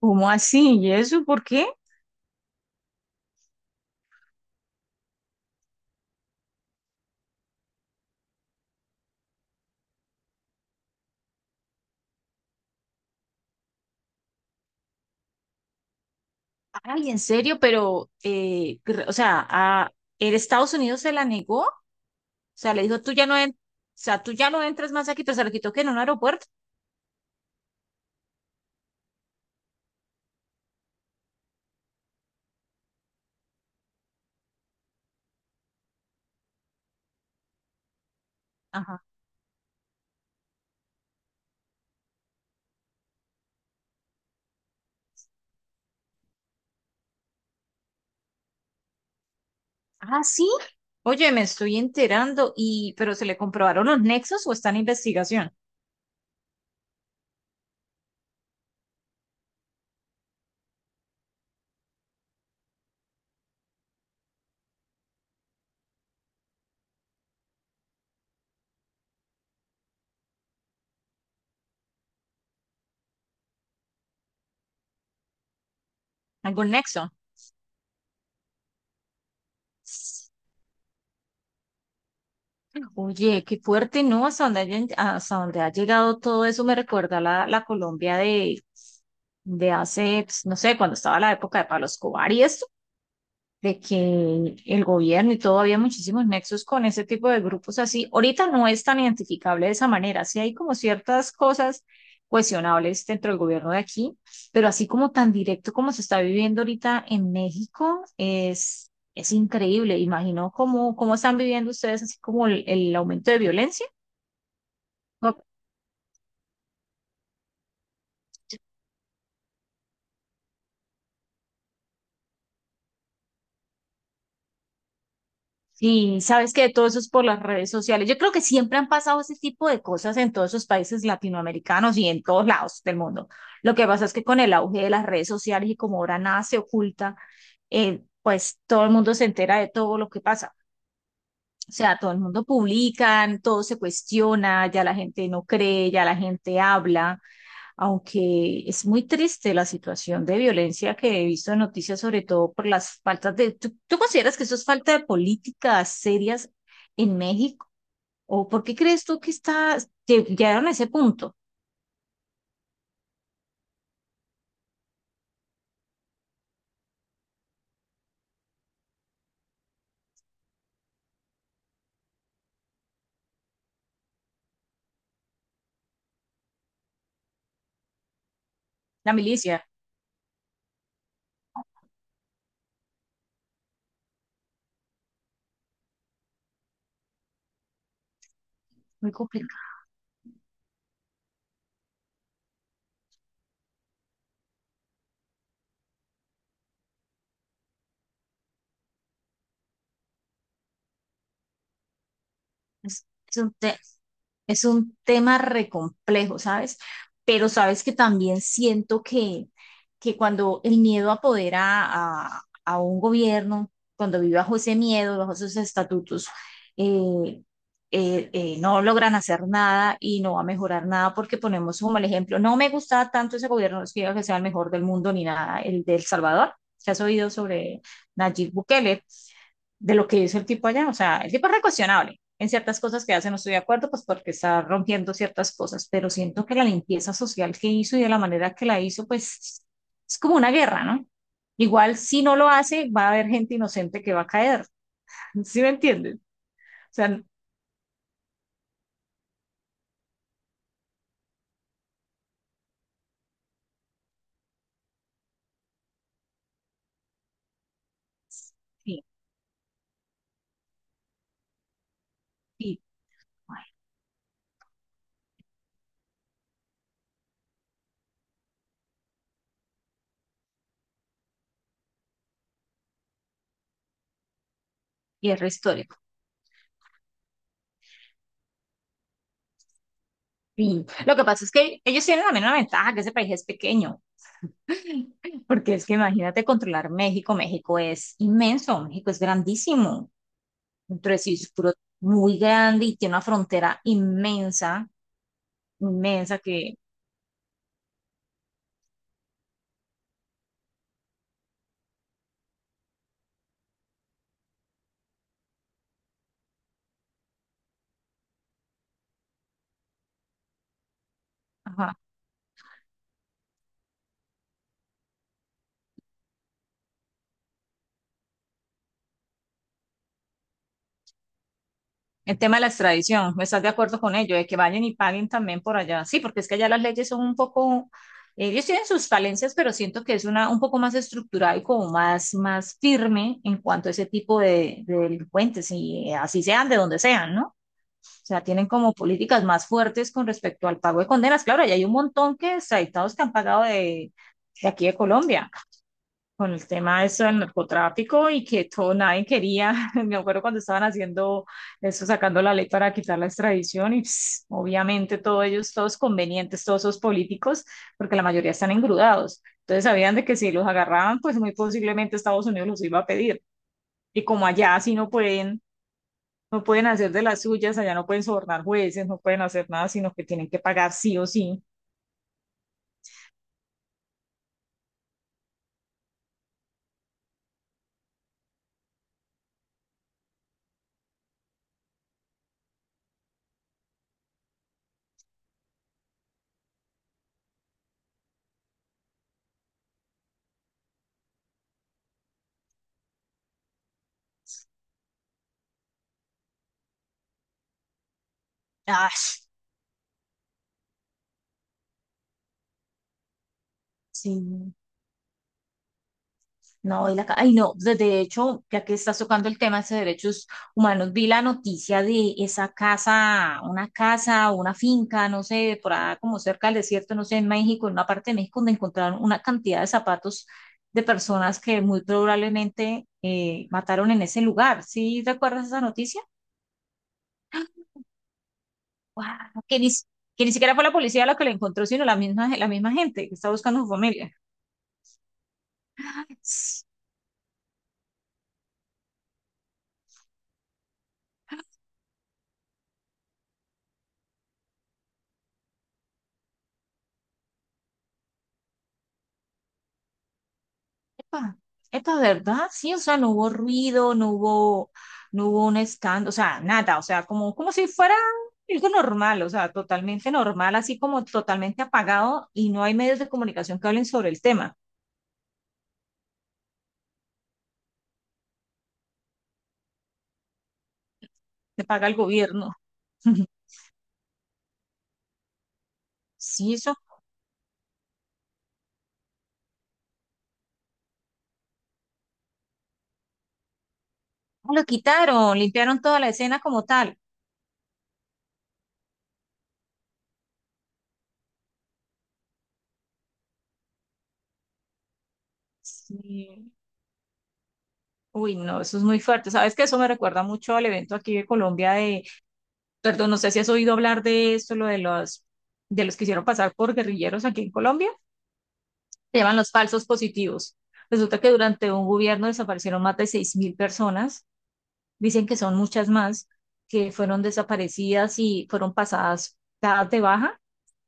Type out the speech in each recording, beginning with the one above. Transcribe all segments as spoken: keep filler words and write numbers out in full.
¿Cómo así? ¿Y eso por qué? Ay, en serio, pero, eh, gr- o sea, a, ¿el Estados Unidos se la negó? O sea, le dijo, tú ya no, en- o sea, tú ya no entras más aquí, pero se lo quitó que en un aeropuerto. Ajá. Ah, sí. Oye, me estoy enterando, y, pero ¿se le comprobaron los nexos o está en investigación? ¿Algún nexo? Oye, qué fuerte, ¿no? Hasta donde, hayan- hasta donde ha llegado todo eso me recuerda la, la Colombia de, de hace, pues, no sé, cuando estaba la época de Pablo Escobar y esto, de que el gobierno y todo había muchísimos nexos con ese tipo de grupos así. Ahorita no es tan identificable de esa manera, sí hay como ciertas cosas cuestionables dentro del gobierno de aquí, pero así como tan directo como se está viviendo ahorita en México, es, es increíble. Imagino cómo, cómo están viviendo ustedes así como el, el aumento de violencia. No. Sí, sabes que todo eso es por las redes sociales. Yo creo que siempre han pasado ese tipo de cosas en todos esos países latinoamericanos y en todos lados del mundo. Lo que pasa es que con el auge de las redes sociales y como ahora nada se oculta, eh, pues todo el mundo se entera de todo lo que pasa. O sea, todo el mundo publica, todo se cuestiona, ya la gente no cree, ya la gente habla aunque es muy triste la situación de violencia que he visto en noticias, sobre todo por las faltas de... ¿Tú, tú consideras que eso es falta de políticas serias en México? ¿O por qué crees tú que está, que llegaron a ese punto? La milicia, muy complicado. Es un tema re complejo, ¿sabes? Pero sabes que también siento que, que cuando el miedo apodera a, a un gobierno, cuando vive bajo ese miedo, bajo esos estatutos, eh, eh, eh, no logran hacer nada y no va a mejorar nada porque ponemos como el ejemplo, no me gustaba tanto ese gobierno, no es que diga que sea el mejor del mundo ni nada, el de El Salvador. ¿Se has oído sobre Nayib Bukele? De lo que hizo el tipo allá. O sea, el tipo es recuestionable. En ciertas cosas que hace no estoy de acuerdo, pues porque está rompiendo ciertas cosas, pero siento que la limpieza social que hizo y de la manera que la hizo, pues es como una guerra, ¿no? Igual si no lo hace, va a haber gente inocente que va a caer. ¿Sí me entiendes? O sea, sí, sí, ay, hierro histórico. Sí. Lo que pasa es que ellos tienen también una ventaja, que ese país es pequeño, porque es que imagínate controlar México, México es inmenso, México es grandísimo, un puro muy grande y tiene una frontera inmensa, inmensa que, ajá. El tema de la extradición, ¿no? ¿Estás de acuerdo con ello? De que vayan y paguen también por allá. Sí, porque es que allá las leyes son un poco, ellos tienen sus falencias, pero siento que es una un poco más estructurada y como más, más firme en cuanto a ese tipo de, de delincuentes, y eh, así sean de donde sean, ¿no? O sea, tienen como políticas más fuertes con respecto al pago de condenas. Extraditados. Claro, ya hay un montón que Extraditados que han pagado de, de, aquí de Colombia, con el tema de eso del narcotráfico y que todo nadie quería. Me acuerdo cuando estaban haciendo eso, sacando la ley para quitar la extradición y pss, obviamente todos ellos, todos convenientes, todos esos políticos, porque la mayoría están engrudados. Entonces sabían de que si los agarraban, pues muy posiblemente Estados Unidos los iba a pedir. Y como allá sí no pueden, no pueden hacer de las suyas, allá no pueden sobornar jueces, no pueden hacer nada, sino que tienen que pagar sí o sí. Ah, sí. No, y la ca- ay, no, de de hecho, ya que estás tocando el tema ese de derechos humanos, vi la noticia de esa casa, una casa, una finca, no sé, por allá como cerca del desierto, no sé, en México, en una parte de México, donde encontraron una cantidad de zapatos de personas que muy probablemente eh, mataron en ese lugar. ¿Sí recuerdas esa noticia? ¡Guau! No, Que ni, si- que ni siquiera fue la policía la que la encontró, sino la misma, la misma gente que está buscando a su familia. Ah, esto es verdad, sí, o sea, no hubo ruido, no hubo, no hubo un escándalo, o sea, nada, o sea, como, como si fuera algo normal, o sea, totalmente normal, así como totalmente apagado y no hay medios de comunicación que hablen sobre el tema, se paga el gobierno. Sí, eso. Ah, lo quitaron, limpiaron toda la escena como tal. Sí. Uy, no, eso es muy fuerte. Sabes que eso me recuerda mucho al evento aquí de Colombia de, perdón, no sé si has oído hablar de esto, lo de los, de los que hicieron pasar por guerrilleros aquí en Colombia. Se llaman los falsos positivos. Resulta que durante un gobierno desaparecieron más de seis mil personas, dicen que son muchas más, que fueron desaparecidas y fueron pasadas, dadas de baja,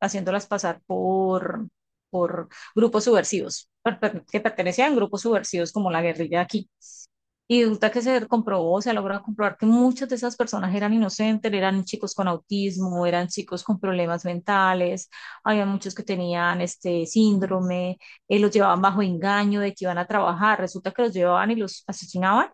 haciéndolas pasar por, por grupos subversivos, per- per- que pertenecían a grupos subversivos como la guerrilla aquí. Y resulta que se comprobó, se logra comprobar que muchas de esas personas eran inocentes, eran chicos con autismo, eran chicos con problemas mentales, había muchos que tenían este síndrome, eh, los llevaban bajo engaño de que iban a trabajar, resulta que los llevaban y los asesinaban.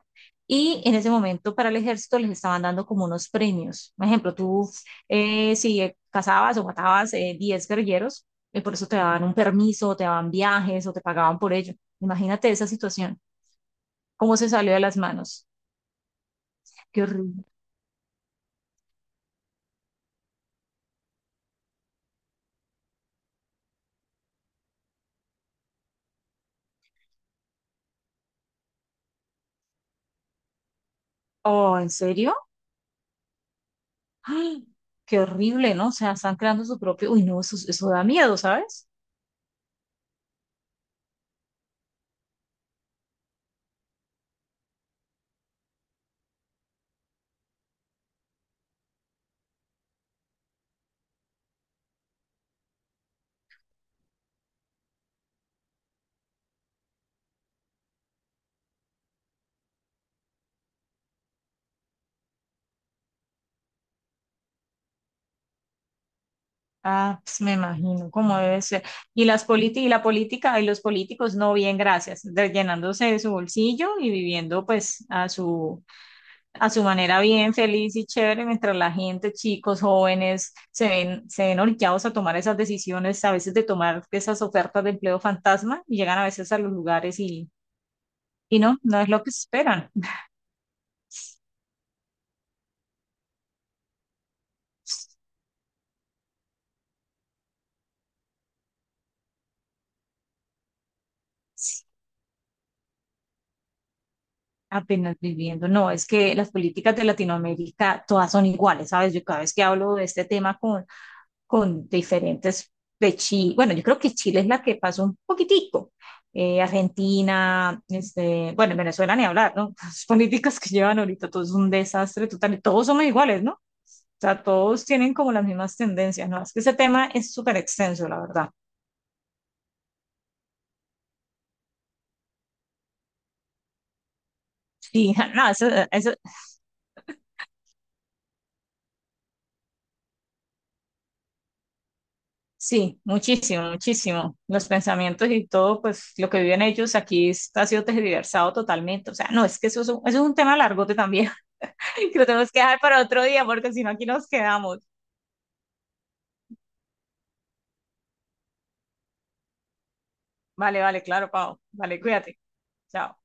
Y en ese momento para el ejército les estaban dando como unos premios. Por ejemplo, tú eh, si eh, cazabas o matabas eh, diez guerrilleros, y por eso te daban un permiso, te daban viajes o te pagaban por ello. Imagínate esa situación, cómo se salió de las manos. Qué horrible. Oh, ¿en serio? ¡Ay! Qué horrible, ¿no? O sea, están creando su propio. Uy, no, eso, eso da miedo, ¿sabes? Ah, pues me imagino cómo debe ser. Y las políticas, y la política, y los políticos, no, bien, gracias, de- llenándose de su bolsillo y viviendo pues a su, a su, manera bien, feliz y chévere, mientras la gente, chicos, jóvenes, se ven, se ven orillados a tomar esas decisiones, a veces de tomar esas ofertas de empleo fantasma, y llegan a veces a los lugares y, y no, no es lo que esperan. Apenas viviendo. No, es que las políticas de Latinoamérica todas son iguales, ¿sabes? Yo cada vez que hablo de este tema con, con diferentes de Chile, bueno, yo creo que Chile es la que pasó un poquitico. Eh, Argentina, este, bueno, en Venezuela ni hablar, ¿no? Las políticas que llevan ahorita, todo es un desastre total, todos somos iguales, ¿no? O sea, todos tienen como las mismas tendencias, ¿no? Es que ese tema es súper extenso, la verdad. Sí, no, eso. Sí, muchísimo, muchísimo. Los pensamientos y todo, pues lo que viven ellos aquí está, ha sido tergiversado totalmente. O sea, no, es que eso es un, eso es un, tema largote también, que lo tenemos que dejar para otro día, porque si no, aquí nos quedamos. Vale, vale, claro, Pau. Vale, cuídate. Chao.